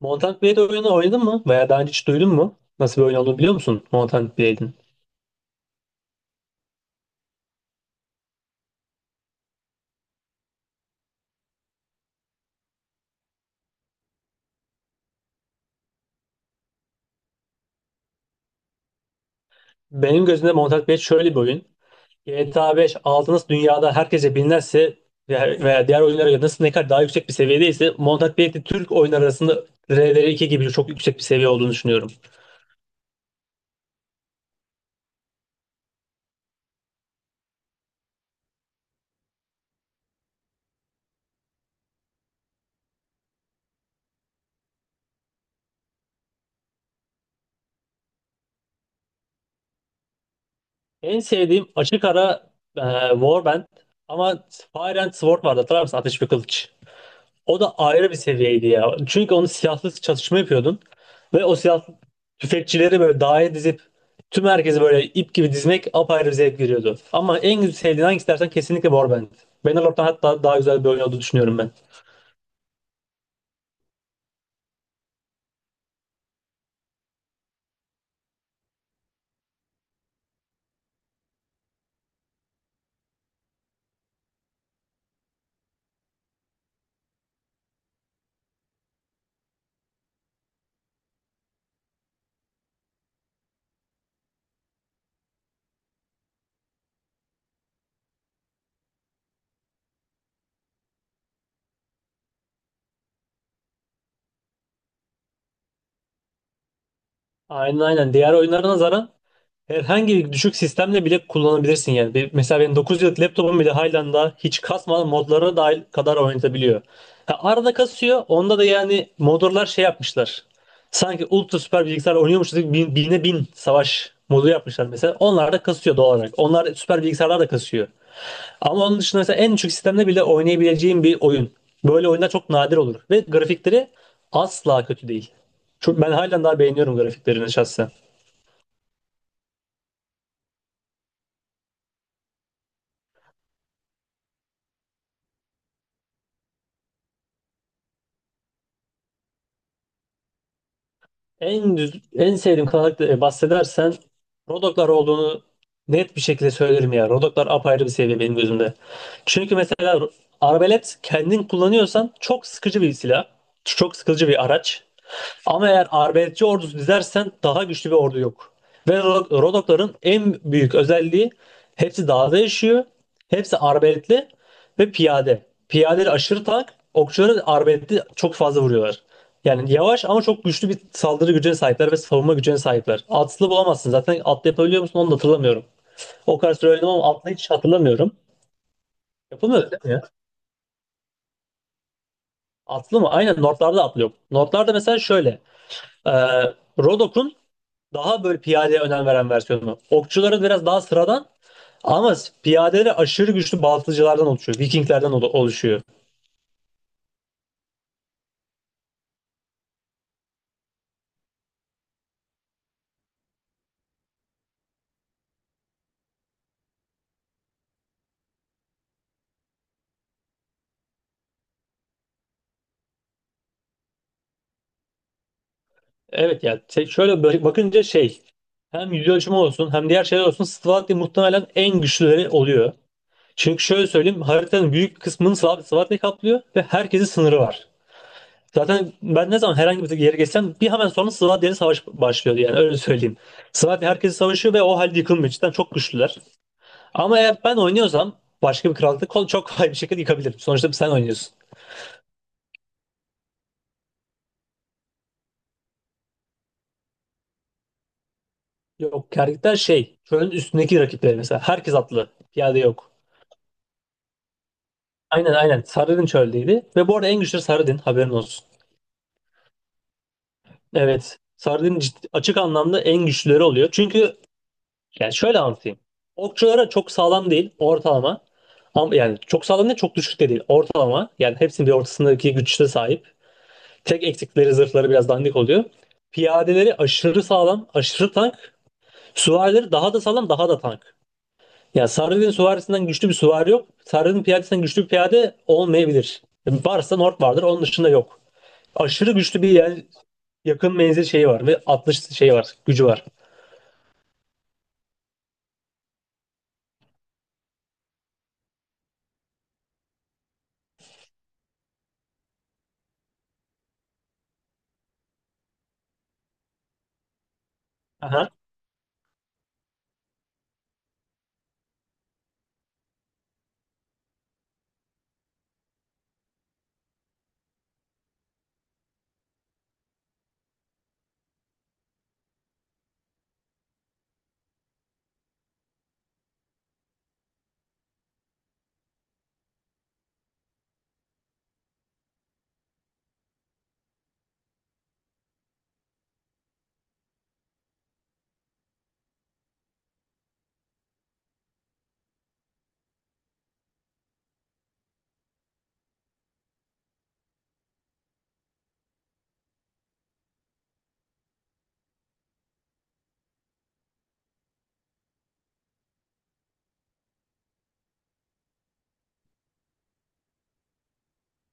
Mountain Blade oyunu oynadın mı? Veya daha önce hiç duydun mu? Nasıl bir oyun olduğunu biliyor musun Mountain Blade'in? Benim gözümde Mountain Blade şöyle bir oyun. GTA 5 aldığınız dünyada herkese bilinirse veya diğer oyunlara göre nasıl ne kadar daha yüksek bir seviyedeyse Mountain Blade de Türk oyunlar arasında rdr iki gibi çok yüksek bir seviye olduğunu düşünüyorum. En sevdiğim açık ara e, Warband, ama Fire and Sword vardı, hatırlar mısın? Ateş ve Kılıç. O da ayrı bir seviyeydi ya. Çünkü onu silahsız çatışma yapıyordun. Ve o silahlı tüfekçileri böyle daire dizip tüm herkesi böyle ip gibi dizmek apayrı bir zevk veriyordu. Ama en güzel sevdiğin hangisi dersen kesinlikle Warband. Bannerlord'dan hatta daha güzel bir oyun olduğunu düşünüyorum ben. Aynen aynen. Diğer oyunlara nazaran herhangi bir düşük sistemle bile kullanabilirsin yani. Mesela benim 9 yıllık laptopum bile Highland'da hiç kasmadan modlara dahil kadar oynatabiliyor. Ha, arada kasıyor. Onda da yani modlar şey yapmışlar. Sanki ultra süper bilgisayar oynuyormuşuz gibi bin, bine bin savaş modu yapmışlar mesela. Onlar da kasıyor doğal olarak. Onlar süper bilgisayarlar da kasıyor. Ama onun dışında mesela en düşük sistemde bile oynayabileceğim bir oyun. Böyle oyunlar çok nadir olur. Ve grafikleri asla kötü değil. Çok, ben halen daha beğeniyorum grafiklerini şahsen. En düz, en sevdiğim kanalda bahsedersen Rodoklar olduğunu net bir şekilde söylerim ya. Rodoklar apayrı bir seviye benim gözümde. Çünkü mesela arbelet kendin kullanıyorsan çok sıkıcı bir silah. Çok sıkıcı bir araç. Ama eğer arbeletçi ordusu dizersen daha güçlü bir ordu yok. Ve Rodokların en büyük özelliği hepsi dağda yaşıyor. Hepsi arbeletli ve piyade. Piyadeleri aşırı tank. Okçuları arbaletli çok fazla vuruyorlar. Yani yavaş ama çok güçlü bir saldırı gücüne sahipler ve savunma gücüne sahipler. Atlı bulamazsın. Zaten atlı yapabiliyor musun onu da hatırlamıyorum. O kadar süre oynadım ama atlı hiç hatırlamıyorum. Yapılmıyor değil mi ya? Atlı mı? Aynen, Nordlarda atlı yok. Nordlarda mesela şöyle. E, Rodok'un daha böyle piyadeye önem veren versiyonu. Okçuların biraz daha sıradan ama piyadeleri aşırı güçlü baltacılardan oluşuyor. Vikinglerden oluşuyor. Evet ya, şöyle böyle bakınca şey, hem yüz ölçümü olsun hem diğer şeyler olsun Slavakya muhtemelen en güçlüleri oluyor. Çünkü şöyle söyleyeyim, haritanın büyük kısmını Slavakya kaplıyor ve herkesin sınırı var. Zaten ben ne zaman herhangi bir yere geçsem bir hemen sonra Slavakya savaş başlıyor yani öyle söyleyeyim. Slavakya herkesi savaşıyor ve o halde yıkılmıyor. Cidden çok güçlüler. Ama eğer ben oynuyorsam başka bir krallıkta kol çok kolay bir şekilde yıkabilirim. Sonuçta sen oynuyorsun. Yok, kerkükler şey çölün üstündeki rakipleri, mesela herkes atlı, piyade yok. Aynen aynen. Sarıdin çöldeydi. Ve bu arada en güçlü Sarıdin, haberin olsun. Evet. Açık anlamda en güçlüleri oluyor. Çünkü yani şöyle anlatayım. Okçulara çok sağlam değil, ortalama. Ama yani çok sağlam değil, çok düşük de değil, ortalama. Yani hepsinin bir ortasındaki güçte sahip. Tek eksikleri zırhları biraz dandik oluyor. Piyadeleri aşırı sağlam, aşırı tank. Süvarileri daha da sağlam, daha da tank. Yani Sarıdin süvarisinden güçlü bir süvari yok. Sarıdin piyadesinden güçlü bir piyade olmayabilir. Varsa Nord vardır, onun dışında yok. Aşırı güçlü bir yel yakın menzil şeyi var ve atış şeyi var, gücü var. Aha.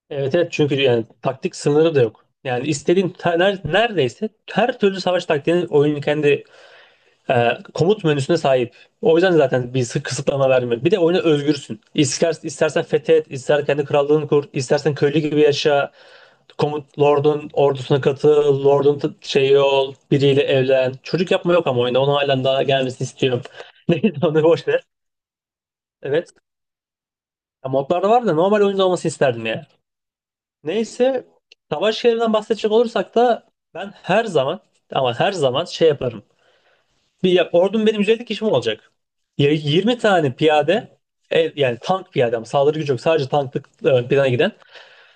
Evet evet, çünkü yani taktik sınırı da yok. Yani neredeyse her türlü savaş taktiğinin oyunun kendi komut menüsüne sahip. O yüzden zaten kısıtlama vermiyor. Bir de oyuna özgürsün. İster, istersen fethet, ister kendi krallığını kur, istersen köylü gibi yaşa, komut lordun ordusuna katıl, şeyi ol, biriyle evlen. Çocuk yapma yok ama oyunda. Onu halen daha gelmesini istiyorum. Neyse, onu boş ver. Evet. Ya, modlarda var da normal oyunda olması isterdim ya. Neyse, savaş şehrinden bahsedecek olursak da ben her zaman, ama her zaman şey yaparım. Bir ya, ordum benim 150 kişi mi olacak? Ya 20 tane piyade, yani tank piyade ama saldırı gücü yok, sadece tanklık, plana giden.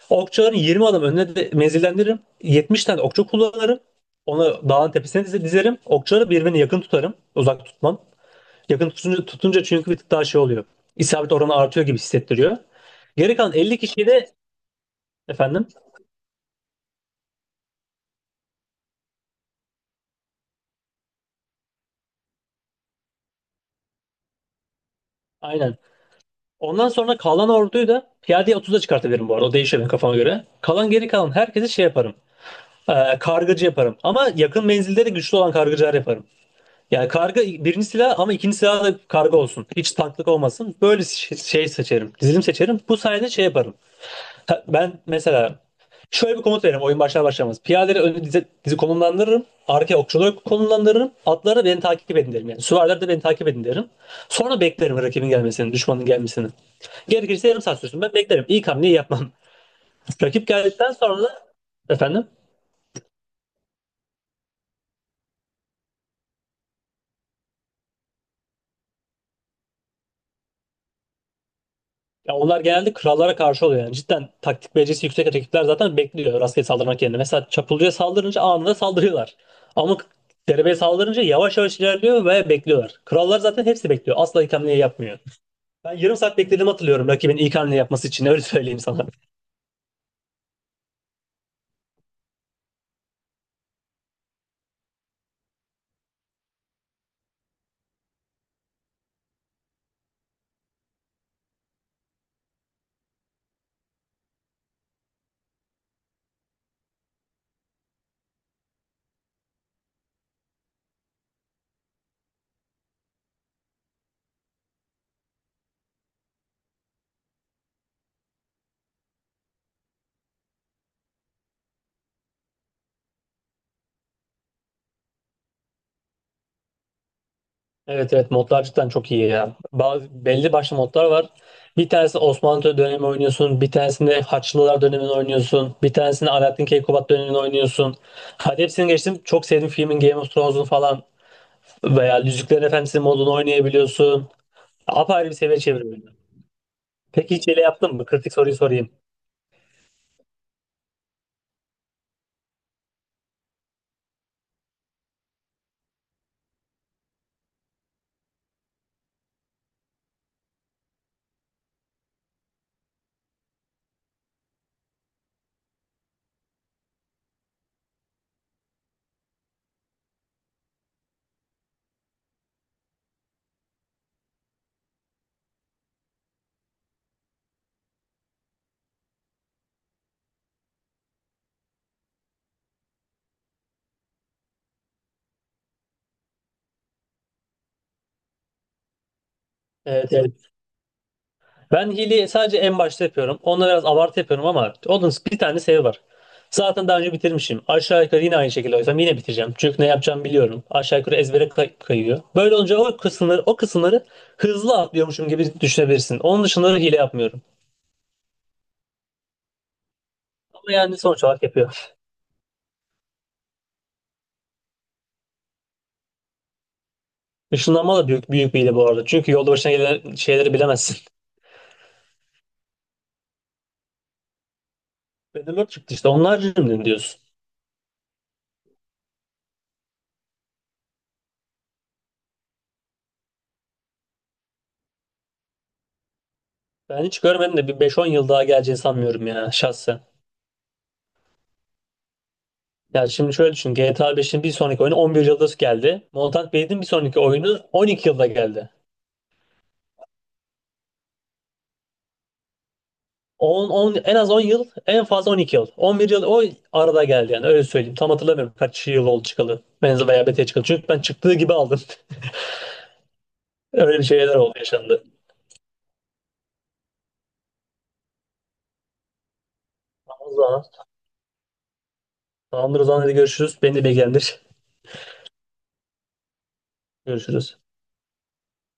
Okçuların 20 adam önüne de menzillendiririm. 70 tane okçu kullanırım. Onu dağın tepesine dizerim. Okçuları birbirine yakın tutarım. Uzak tutmam. Yakın tutunca, çünkü bir tık daha şey oluyor. İsabet oranı artıyor gibi hissettiriyor. Geri kalan 50 kişiyi de efendim? Aynen. Ondan sonra kalan orduyu da piyadeye 30'a çıkartabilirim bu arada. O değişiyor benim kafama göre. Kalan geri kalan herkesi şey yaparım. Kargıcı yaparım. Ama yakın menzilde de güçlü olan kargıcılar yaparım. Yani karga birinci silah ama ikinci silah da karga olsun. Hiç tanklık olmasın. Böyle şey, şey seçerim. Dizilim seçerim. Bu sayede şey yaparım. Ben mesela şöyle bir komut veririm oyun başlar başlamaz. Piyadeleri önü dizi, dizi konumlandırırım. Arkaya okçuları konumlandırırım. Atları beni takip edin derim yani. Süvariler de beni takip edin derim. Sonra beklerim rakibin gelmesini, düşmanın gelmesini. Gerekirse yarım saat sürsün, ben beklerim. İlk hamleyi yapmam. Rakip geldikten sonra efendim. Ya onlar genelde krallara karşı oluyor yani. Cidden taktik becerisi yüksek rakipler zaten bekliyor rastgele saldırmak yerine. Mesela Çapulcu'ya saldırınca anında saldırıyorlar. Ama derebeye saldırınca yavaş yavaş ilerliyor ve bekliyorlar. Krallar zaten hepsi bekliyor. Asla ilk hamleyi yapmıyor. Ben yarım saat beklediğimi hatırlıyorum rakibin ilk hamle yapması için. Öyle söyleyeyim sana. Evet evet, modlar cidden çok iyi ya. Bazı, belli başlı modlar var. Bir tanesi Osmanlı dönemi oynuyorsun. Bir tanesinde Haçlılar dönemini oynuyorsun. Bir tanesinde Alaaddin Keykubat dönemini oynuyorsun. Hadi hepsini geçtim. Çok sevdiğim filmin Game of Thrones'un falan. Veya Yüzüklerin Efendisi modunu oynayabiliyorsun. Apayrı bir seviye çevirmeli. Peki hiç hile yaptın mı? Kritik soruyu sorayım. Evet, evet. Ben hileyi sadece en başta yapıyorum. Onunla biraz abartı yapıyorum ama onun bir tane sebebi var. Zaten daha önce bitirmişim. Aşağı yukarı yine aynı şekilde oysam yine bitireceğim. Çünkü ne yapacağımı biliyorum. Aşağı yukarı ezbere kayıyor. Böyle olunca o kısımları hızlı atlıyormuşum gibi düşünebilirsin. Onun dışında da hile yapmıyorum. Ama yani sonuç olarak yapıyor. Işınlanma da büyük, bir hile bu arada. Çünkü yolda başına gelen şeyleri bilemezsin. Battlelord çıktı işte. Onlar cümle diyorsun. Ben hiç görmedim de bir beş on yıl daha geleceğini sanmıyorum ya şahsen. Yani şimdi şöyle düşün. GTA 5'in bir sonraki oyunu 11 yılda geldi. Mountain Blade'in bir sonraki oyunu 12 yılda geldi. 10, en az 10 yıl, en fazla 12 yıl. 11 yıl o arada geldi yani öyle söyleyeyim. Tam hatırlamıyorum kaç yıl oldu çıkalı. Benzi veya BT çıkalı. Çünkü ben çıktığı gibi aldım. Öyle bir şeyler oldu, yaşandı. Tamam o zaman. Tamamdır o zaman, hadi görüşürüz. Beni de bilgilendir. Görüşürüz.